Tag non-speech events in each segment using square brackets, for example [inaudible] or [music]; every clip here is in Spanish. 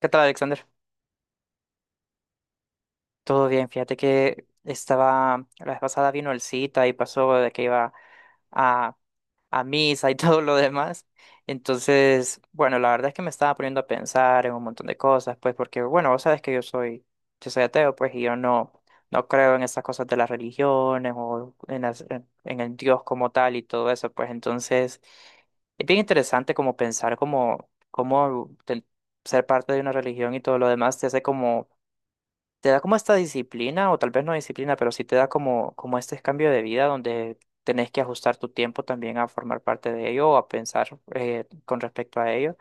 ¿Qué tal, Alexander? Todo bien, fíjate que estaba, la vez pasada vino el cita y pasó de que iba a, a misa y [laughs] todo lo demás. Entonces, bueno, la verdad es que me estaba poniendo a pensar en un montón de cosas, pues porque, bueno, vos sabes que yo soy ateo, pues, y yo no, no creo en esas cosas de las religiones o en en el Dios como tal y todo eso, pues entonces... Es bien interesante como pensar como cómo ser parte de una religión y todo lo demás te hace como te da como esta disciplina, o tal vez no disciplina, pero sí te da como, como este cambio de vida donde tenés que ajustar tu tiempo también a formar parte de ello o a pensar con respecto a ello.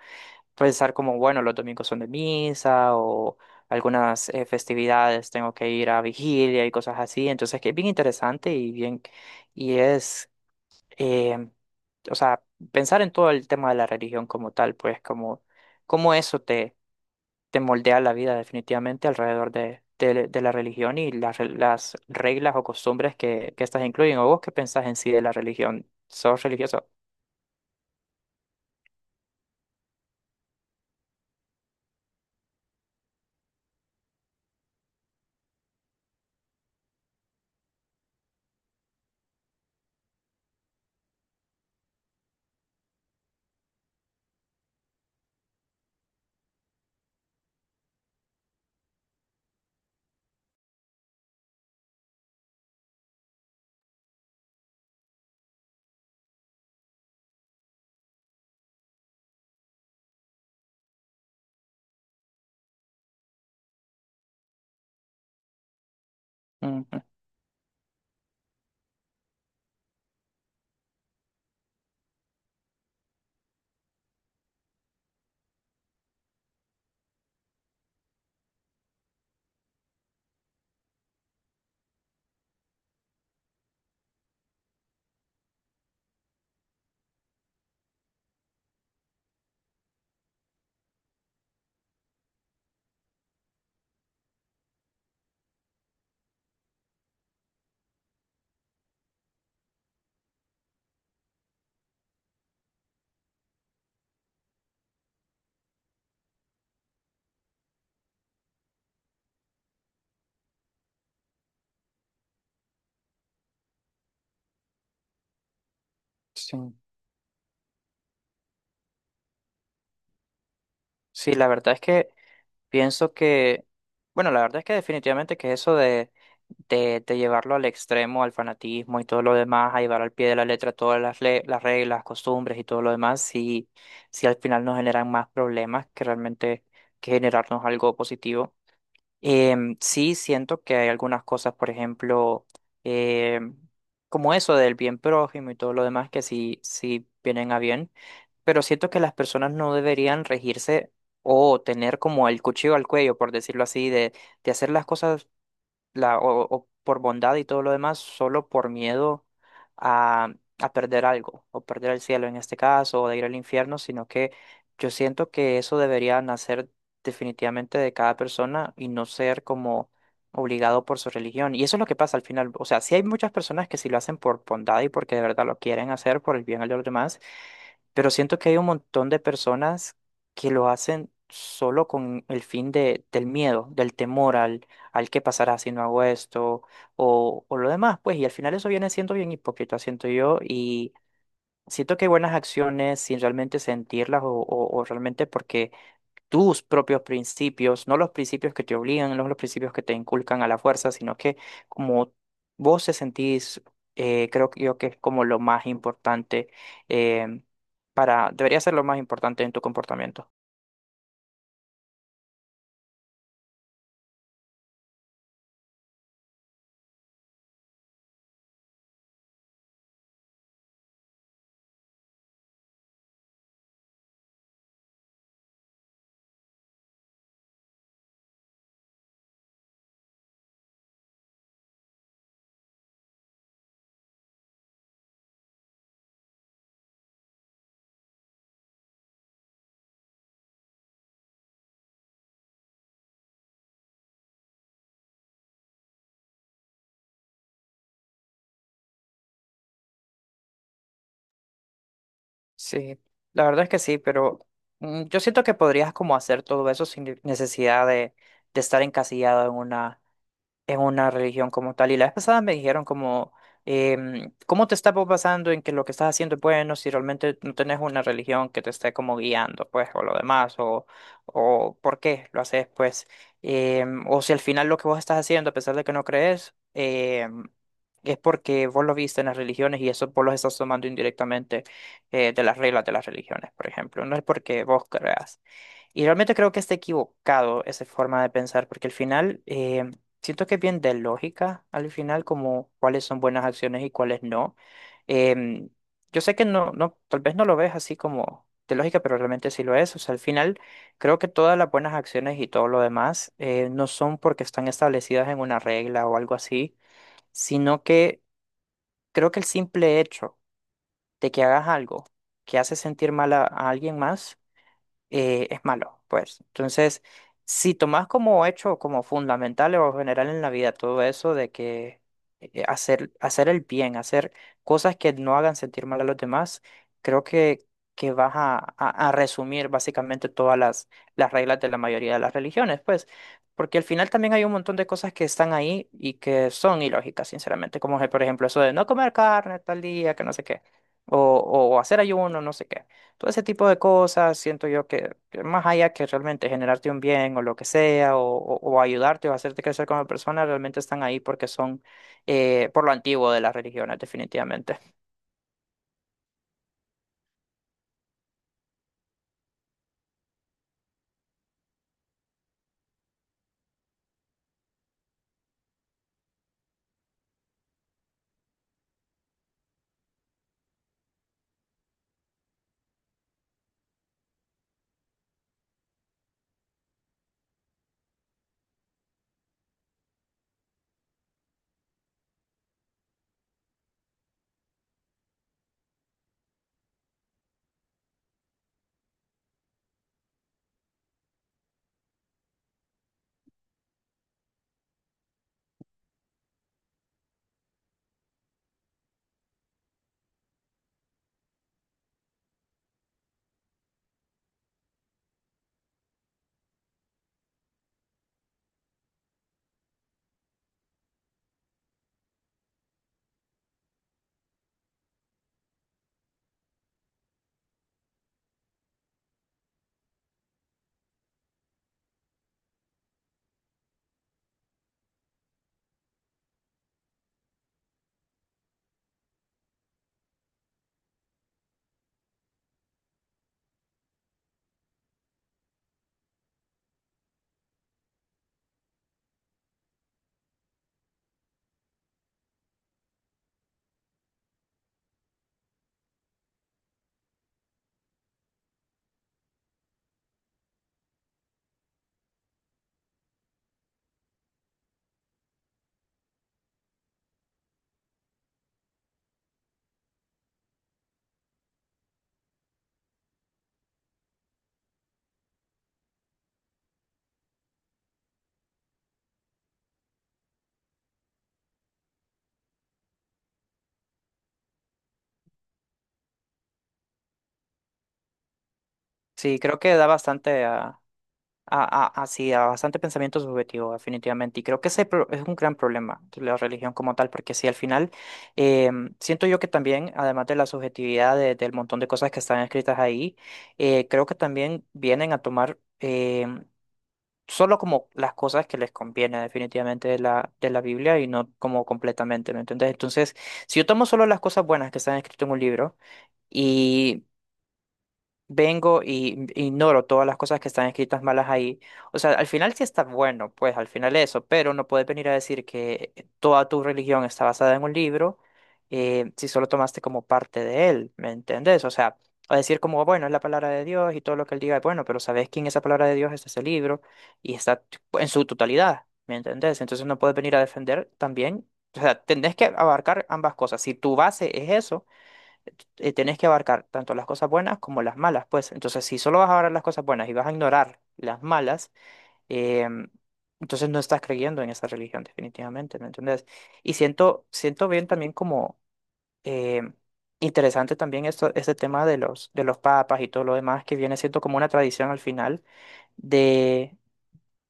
Pensar como, bueno, los domingos son de misa o algunas festividades tengo que ir a vigilia y cosas así. Entonces, que es bien interesante y es, eh, o sea, pensar en todo el tema de la religión como tal, pues como, como eso te moldea la vida definitivamente alrededor de la religión y las reglas o costumbres que estas incluyen. ¿O vos qué pensás en sí de la religión? ¿Sos religioso? Ujú. Sí. Sí, la verdad es que pienso que, bueno, la verdad es que definitivamente que eso de llevarlo al extremo, al fanatismo y todo lo demás, a llevar al pie de la letra todas las reglas, costumbres y todo lo demás, sí, sí al final nos generan más problemas que realmente que generarnos algo positivo. Sí, siento que hay algunas cosas, por ejemplo, em, como eso del bien prójimo y todo lo demás que sí, sí vienen a bien, pero siento que las personas no deberían regirse o tener como el cuchillo al cuello, por decirlo así, de hacer las cosas o por bondad y todo lo demás, solo por miedo a, a perder algo, o perder el cielo en este caso, o de ir al infierno, sino que yo siento que eso debería nacer definitivamente de cada persona y no ser como obligado por su religión. Y eso es lo que pasa al final. O sea, sí hay muchas personas que sí lo hacen por bondad y porque de verdad lo quieren hacer por el bien de los demás, pero siento que hay un montón de personas que lo hacen solo con el fin del miedo, del temor al qué pasará si no hago esto o lo demás, pues, y al final eso viene siendo bien hipócrita, siento yo, y siento que hay buenas acciones sin realmente sentirlas o realmente porque tus propios principios, no los principios que te obligan, no los principios que te inculcan a la fuerza, sino que como vos te sentís, creo que yo que es como lo más importante eh, para, debería ser lo más importante en tu comportamiento. Sí, la verdad es que sí, pero yo siento que podrías como hacer todo eso sin necesidad de estar encasillado en una religión como tal. Y la vez pasada me dijeron como, ¿cómo te está pasando en que lo que estás haciendo es bueno si realmente no tenés una religión que te esté como guiando, pues, o lo demás, o por qué lo haces, pues? O si al final lo que vos estás haciendo, a pesar de que no crees, es porque vos lo viste en las religiones y eso vos lo estás tomando indirectamente, de las reglas de las religiones, por ejemplo, no es porque vos creas. Y realmente creo que está equivocado esa forma de pensar, porque al final, siento que es bien de lógica, al final, como cuáles son buenas acciones y cuáles no. Em, yo sé que tal vez no lo ves así como de lógica, pero realmente sí lo es. O sea, al final creo que todas las buenas acciones y todo lo demás, no son porque están establecidas en una regla o algo así, sino que creo que el simple hecho de que hagas algo que hace sentir mal a alguien más, es malo, pues. Entonces, si tomas como hecho, como fundamental o general en la vida todo eso de que hacer el bien, hacer cosas que no hagan sentir mal a los demás, creo que vas a resumir básicamente todas las reglas de la mayoría de las religiones, pues. Porque al final también hay un montón de cosas que están ahí y que son ilógicas, sinceramente, como por ejemplo eso de no comer carne tal día, que no sé qué, o, o hacer ayuno, no sé qué. Todo ese tipo de cosas, siento yo que más allá que realmente generarte un bien o lo que sea, o ayudarte o hacerte crecer como persona, realmente están ahí porque son por lo antiguo de las religiones, definitivamente. Sí, creo que da bastante a bastante pensamiento subjetivo, definitivamente. Y creo que ese es un gran problema de la religión como tal, porque sí, al final, eh, siento yo que también, además de la subjetividad del montón de cosas que están escritas ahí, creo que también vienen a tomar, solo como las cosas que les conviene definitivamente de de la Biblia y no como completamente, ¿me entiendes? Entonces, si yo tomo solo las cosas buenas que están escritas en un libro, vengo y ignoro todas las cosas que están escritas malas ahí. O sea, al final sí está bueno, pues al final eso, pero no puedes venir a decir que toda tu religión está basada en un libro, si solo tomaste como parte de él, ¿me entendés? O sea, a decir como, bueno, es la palabra de Dios y todo lo que él diga es bueno, pero ¿sabés quién es esa palabra de Dios? Es ese libro y está en su totalidad, ¿me entendés? Entonces no puedes venir a defender también. O sea, tenés que abarcar ambas cosas. Si tu base es eso, tenés que abarcar tanto las cosas buenas como las malas, pues. Entonces, si solo vas a abarcar las cosas buenas y vas a ignorar las malas, em, entonces no estás creyendo en esa religión, definitivamente, ¿me entendés? Y siento bien también como em, interesante también esto, este tema de los papas y todo lo demás, que viene siendo como una tradición al final de,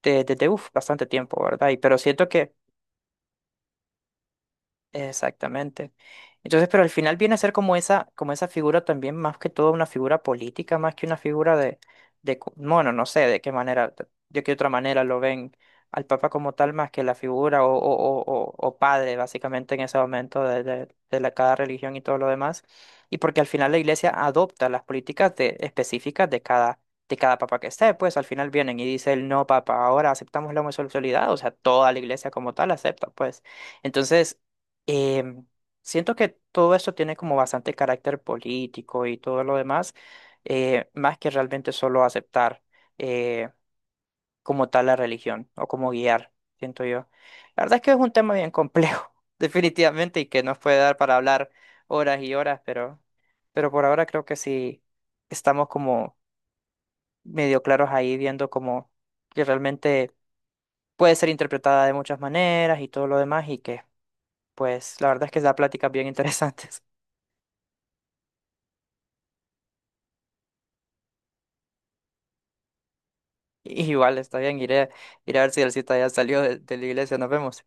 uf, bastante tiempo, ¿verdad? Y, pero siento que Exactamente. Entonces, pero al final viene a ser como esa figura también, más que todo una figura política, más que una figura bueno, no sé de qué manera, de qué otra manera lo ven al Papa como tal, más que la figura o padre, básicamente, en ese momento de la, cada religión y todo lo demás. Y porque al final la Iglesia adopta las políticas específicas de cada Papa que esté, pues al final vienen y dice el no Papa, ahora aceptamos la homosexualidad, o sea, toda la Iglesia como tal acepta, pues. Entonces, Em, siento que todo esto tiene como bastante carácter político y todo lo demás, más que realmente solo aceptar eh, como tal la religión o como guiar, siento yo. La verdad es que es un tema bien complejo, [laughs] definitivamente, y que nos puede dar para hablar horas y horas, pero por ahora creo que sí estamos como medio claros ahí viendo como que realmente puede ser interpretada de muchas maneras y todo lo demás, y que pues la verdad es que da pláticas bien [laughs] interesantes. [laughs] Igual, está bien, iré a ver si el cita ya salió de la iglesia. Nos vemos.